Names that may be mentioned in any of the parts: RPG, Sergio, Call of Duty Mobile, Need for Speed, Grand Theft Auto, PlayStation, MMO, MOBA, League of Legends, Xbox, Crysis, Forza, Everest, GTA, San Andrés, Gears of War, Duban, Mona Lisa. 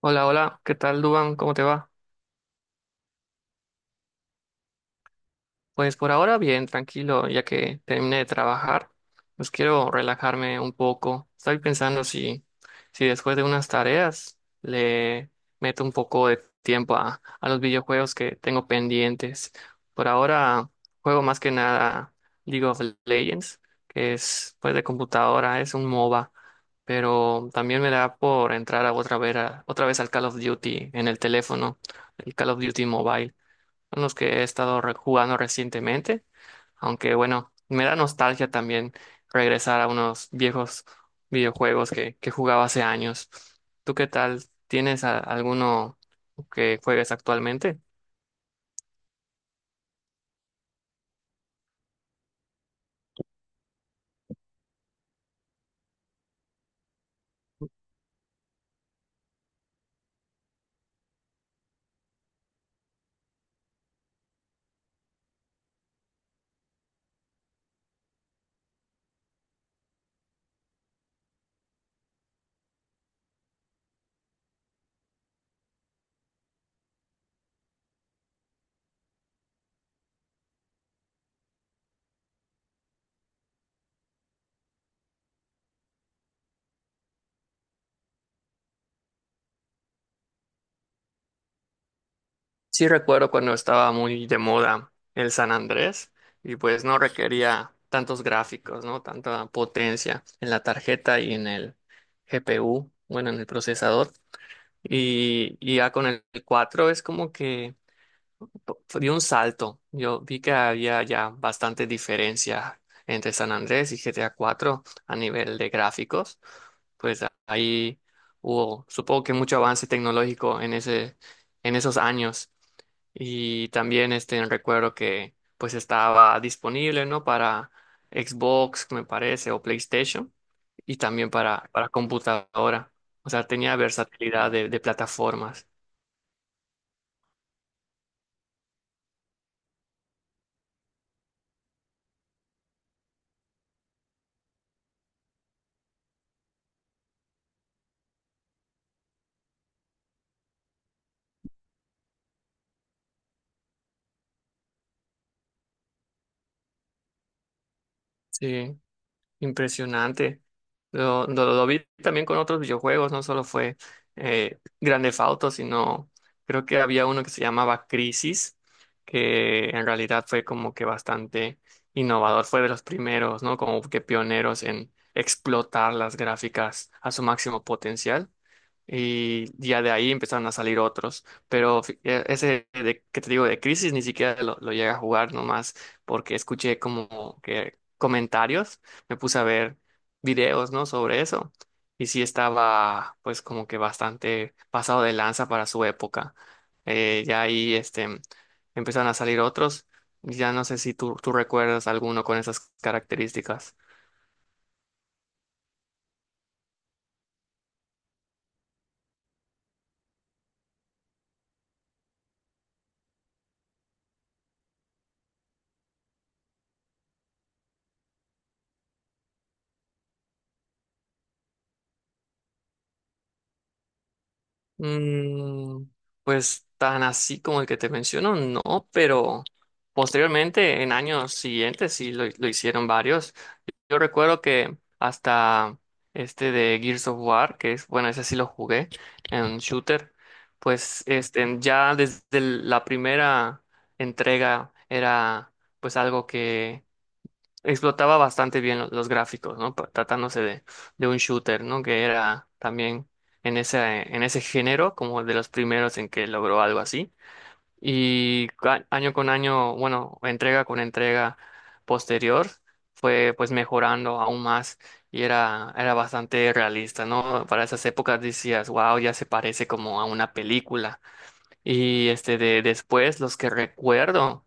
Hola, hola, ¿qué tal, Duban? ¿Cómo te va? Pues por ahora bien, tranquilo, ya que terminé de trabajar, pues quiero relajarme un poco. Estoy pensando si después de unas tareas le meto un poco de tiempo a los videojuegos que tengo pendientes. Por ahora juego más que nada League of Legends, que es pues de computadora, es un MOBA, pero también me da por entrar a, otra vez al Call of Duty en el teléfono, el Call of Duty Mobile. Son los que he estado jugando recientemente, aunque bueno, me da nostalgia también regresar a unos viejos videojuegos que jugaba hace años. ¿Tú qué tal? ¿Tienes alguno que juegues actualmente? Sí, recuerdo cuando estaba muy de moda el San Andrés y pues no requería tantos gráficos, ¿no? Tanta potencia en la tarjeta y en el GPU, bueno, en el procesador. Y ya con el cuatro es como que di un salto. Yo vi que había ya bastantes diferencias entre San Andrés y GTA 4 a cuatro a nivel de gráficos. Pues ahí hubo, supongo que mucho avance tecnológico en en esos años. Y también este recuerdo que pues estaba disponible, ¿no? Para Xbox, me parece, o PlayStation, y también para computadora. O sea, tenía versatilidad de plataformas. Sí. Impresionante. Lo vi también con otros videojuegos, no solo fue Grand Theft Auto, sino creo que había uno que se llamaba Crisis, que en realidad fue como que bastante innovador, fue de los primeros, ¿no? Como que pioneros en explotar las gráficas a su máximo potencial, y ya de ahí empezaron a salir otros. Pero ese de, que te digo de Crisis ni siquiera lo llegué a jugar nomás porque escuché como que comentarios, me puse a ver videos, ¿no? Sobre eso, y sí estaba pues como que bastante pasado de lanza para su época. Ya ahí empezaron a salir otros. Ya no sé si tú recuerdas alguno con esas características. Mm, pues tan así como el que te menciono, no, pero posteriormente, en años siguientes, sí lo hicieron varios. Yo recuerdo que hasta este de Gears of War, que es, bueno, ese sí lo jugué en shooter, pues este, ya desde la primera entrega era pues algo que explotaba bastante bien los gráficos, ¿no? Tratándose de un shooter, ¿no? Que era también en en ese género, como de los primeros en que logró algo así. Y año con año, bueno, entrega con entrega posterior, fue pues mejorando aún más y era bastante realista, ¿no? Para esas épocas decías, wow, ya se parece como a una película. Y este de después, los que recuerdo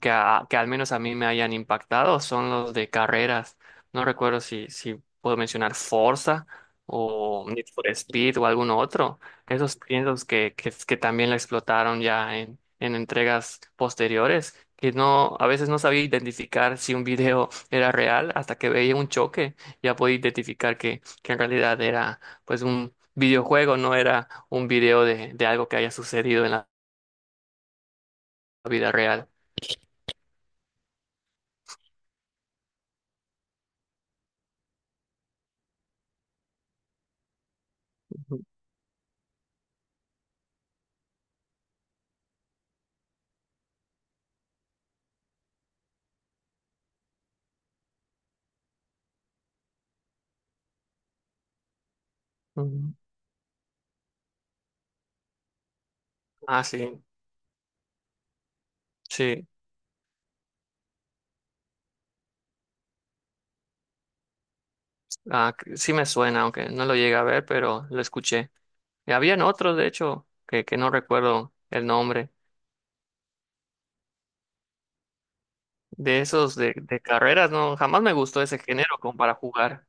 que al menos a mí me hayan impactado son los de carreras. No recuerdo si puedo mencionar Forza o Need for Speed o alguno otro. Esos piensos que también la explotaron ya en entregas posteriores, que no, a veces no sabía identificar si un video era real hasta que veía un choque. Ya podía identificar que en realidad era pues un videojuego, no era un video de algo que haya sucedido en la vida real. Ujú. Ujú. Ah, sí. Sí, ah, sí me suena, aunque no lo llegué a ver, pero lo escuché. Y habían otros, de hecho, que no recuerdo el nombre. De esos de carreras, no, jamás me gustó ese género como para jugar.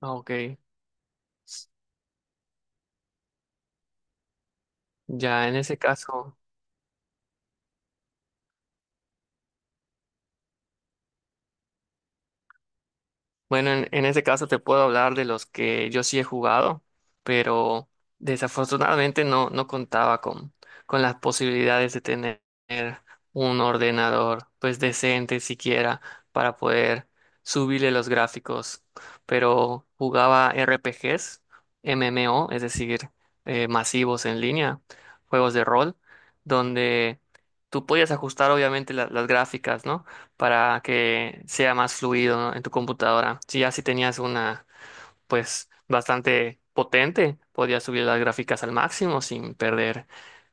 Ah, Ok, ya en ese caso. Bueno, en ese caso te puedo hablar de los que yo sí he jugado, pero desafortunadamente no contaba con las posibilidades de tener un ordenador pues decente siquiera para poder subirle los gráficos. Pero jugaba RPGs, MMO, es decir, masivos en línea, juegos de rol, donde tú podías ajustar obviamente las gráficas, ¿no? Para que sea más fluido, ¿no? En tu computadora. Si ya si tenías una, pues bastante potente, podías subir las gráficas al máximo sin perder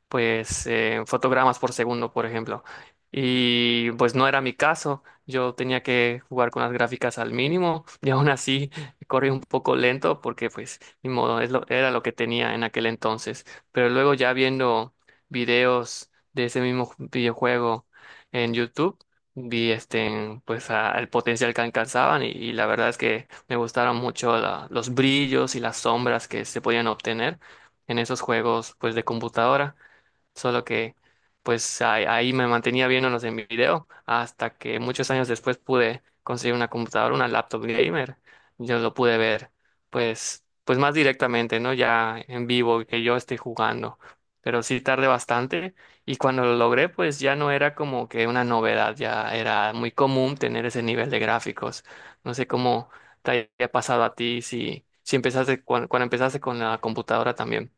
pues fotogramas por segundo, por ejemplo. Y pues no era mi caso, yo tenía que jugar con las gráficas al mínimo y aún así corrí un poco lento porque pues ni modo, es era lo que tenía en aquel entonces. Pero luego ya viendo videos de ese mismo videojuego en YouTube, vi este, pues el potencial que alcanzaban y la verdad es que me gustaron mucho los brillos y las sombras que se podían obtener en esos juegos pues de computadora, solo que pues ahí me mantenía viéndolos en video hasta que muchos años después pude conseguir una computadora, una laptop gamer. Yo lo pude ver pues más directamente, ¿no? Ya en vivo que yo esté jugando. Pero sí tardé bastante, y cuando lo logré pues ya no era como que una novedad, ya era muy común tener ese nivel de gráficos. No sé cómo te haya pasado a ti si empezaste cuando empezaste con la computadora también.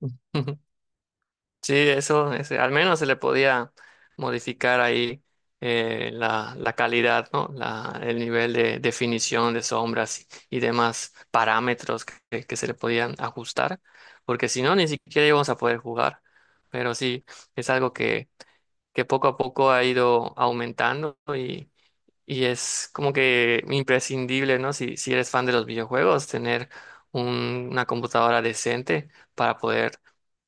Ujú. Sí, eso, ese, al menos se le podía modificar ahí la, la calidad, ¿no? La, el nivel de definición de sombras y demás parámetros que se le podían ajustar, porque si no, ni siquiera íbamos a poder jugar. Pero sí, es algo que poco a poco ha ido aumentando, y es como que imprescindible, ¿no? Si, si eres fan de los videojuegos, tener una computadora decente para poder,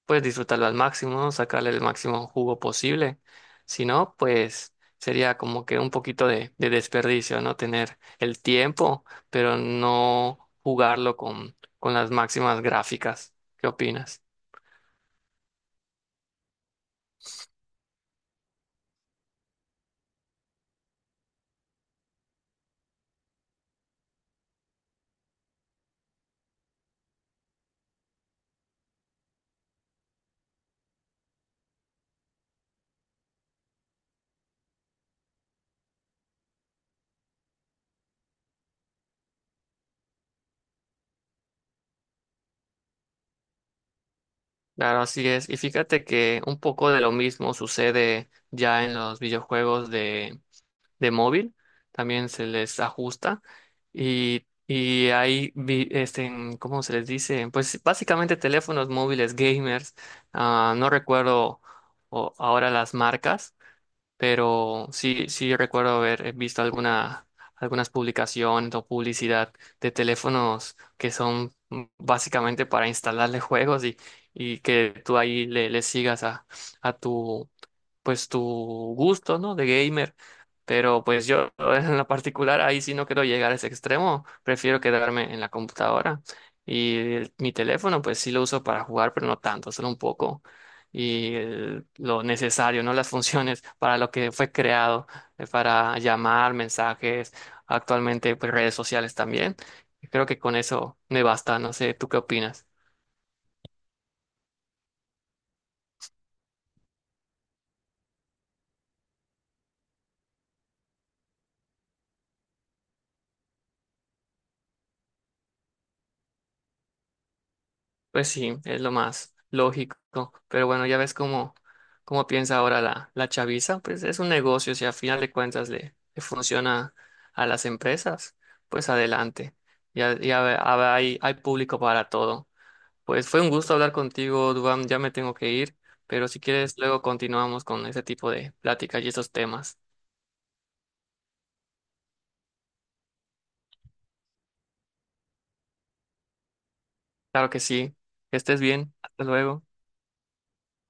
pues, disfrutarlo al máximo, ¿no? Sacarle el máximo jugo posible. Si no, pues sería como que un poquito de desperdicio, ¿no? Tener el tiempo, pero no jugarlo con las máximas gráficas. ¿Qué opinas? Claro, así es. Y fíjate que un poco de lo mismo sucede ya en los videojuegos de móvil. También se les ajusta. Y hay, ¿cómo se les dice? Pues básicamente teléfonos móviles gamers. Ah, no recuerdo ahora las marcas, pero sí, sí recuerdo haber visto algunas publicaciones o publicidad de teléfonos que son básicamente para instalarle juegos, y que tú ahí le sigas a tu, pues tu gusto, ¿no? De gamer. Pero pues yo en la particular ahí sí no quiero llegar a ese extremo, prefiero quedarme en la computadora. Y mi teléfono pues sí lo uso para jugar, pero no tanto, solo un poco. Y lo necesario, ¿no? Las funciones para lo que fue creado, para llamar, mensajes, actualmente pues redes sociales también. Creo que con eso me basta, no sé, ¿tú qué opinas? Pues sí, es lo más lógico. Pero bueno, ya ves cómo piensa ahora la, la chaviza. Pues es un negocio, si a final de cuentas le funciona a las empresas, pues adelante. Ya, hay público para todo. Pues fue un gusto hablar contigo, Dubán. Ya me tengo que ir, pero si quieres, luego continuamos con este tipo de pláticas y esos temas. Claro que sí. Que estés bien. Hasta luego.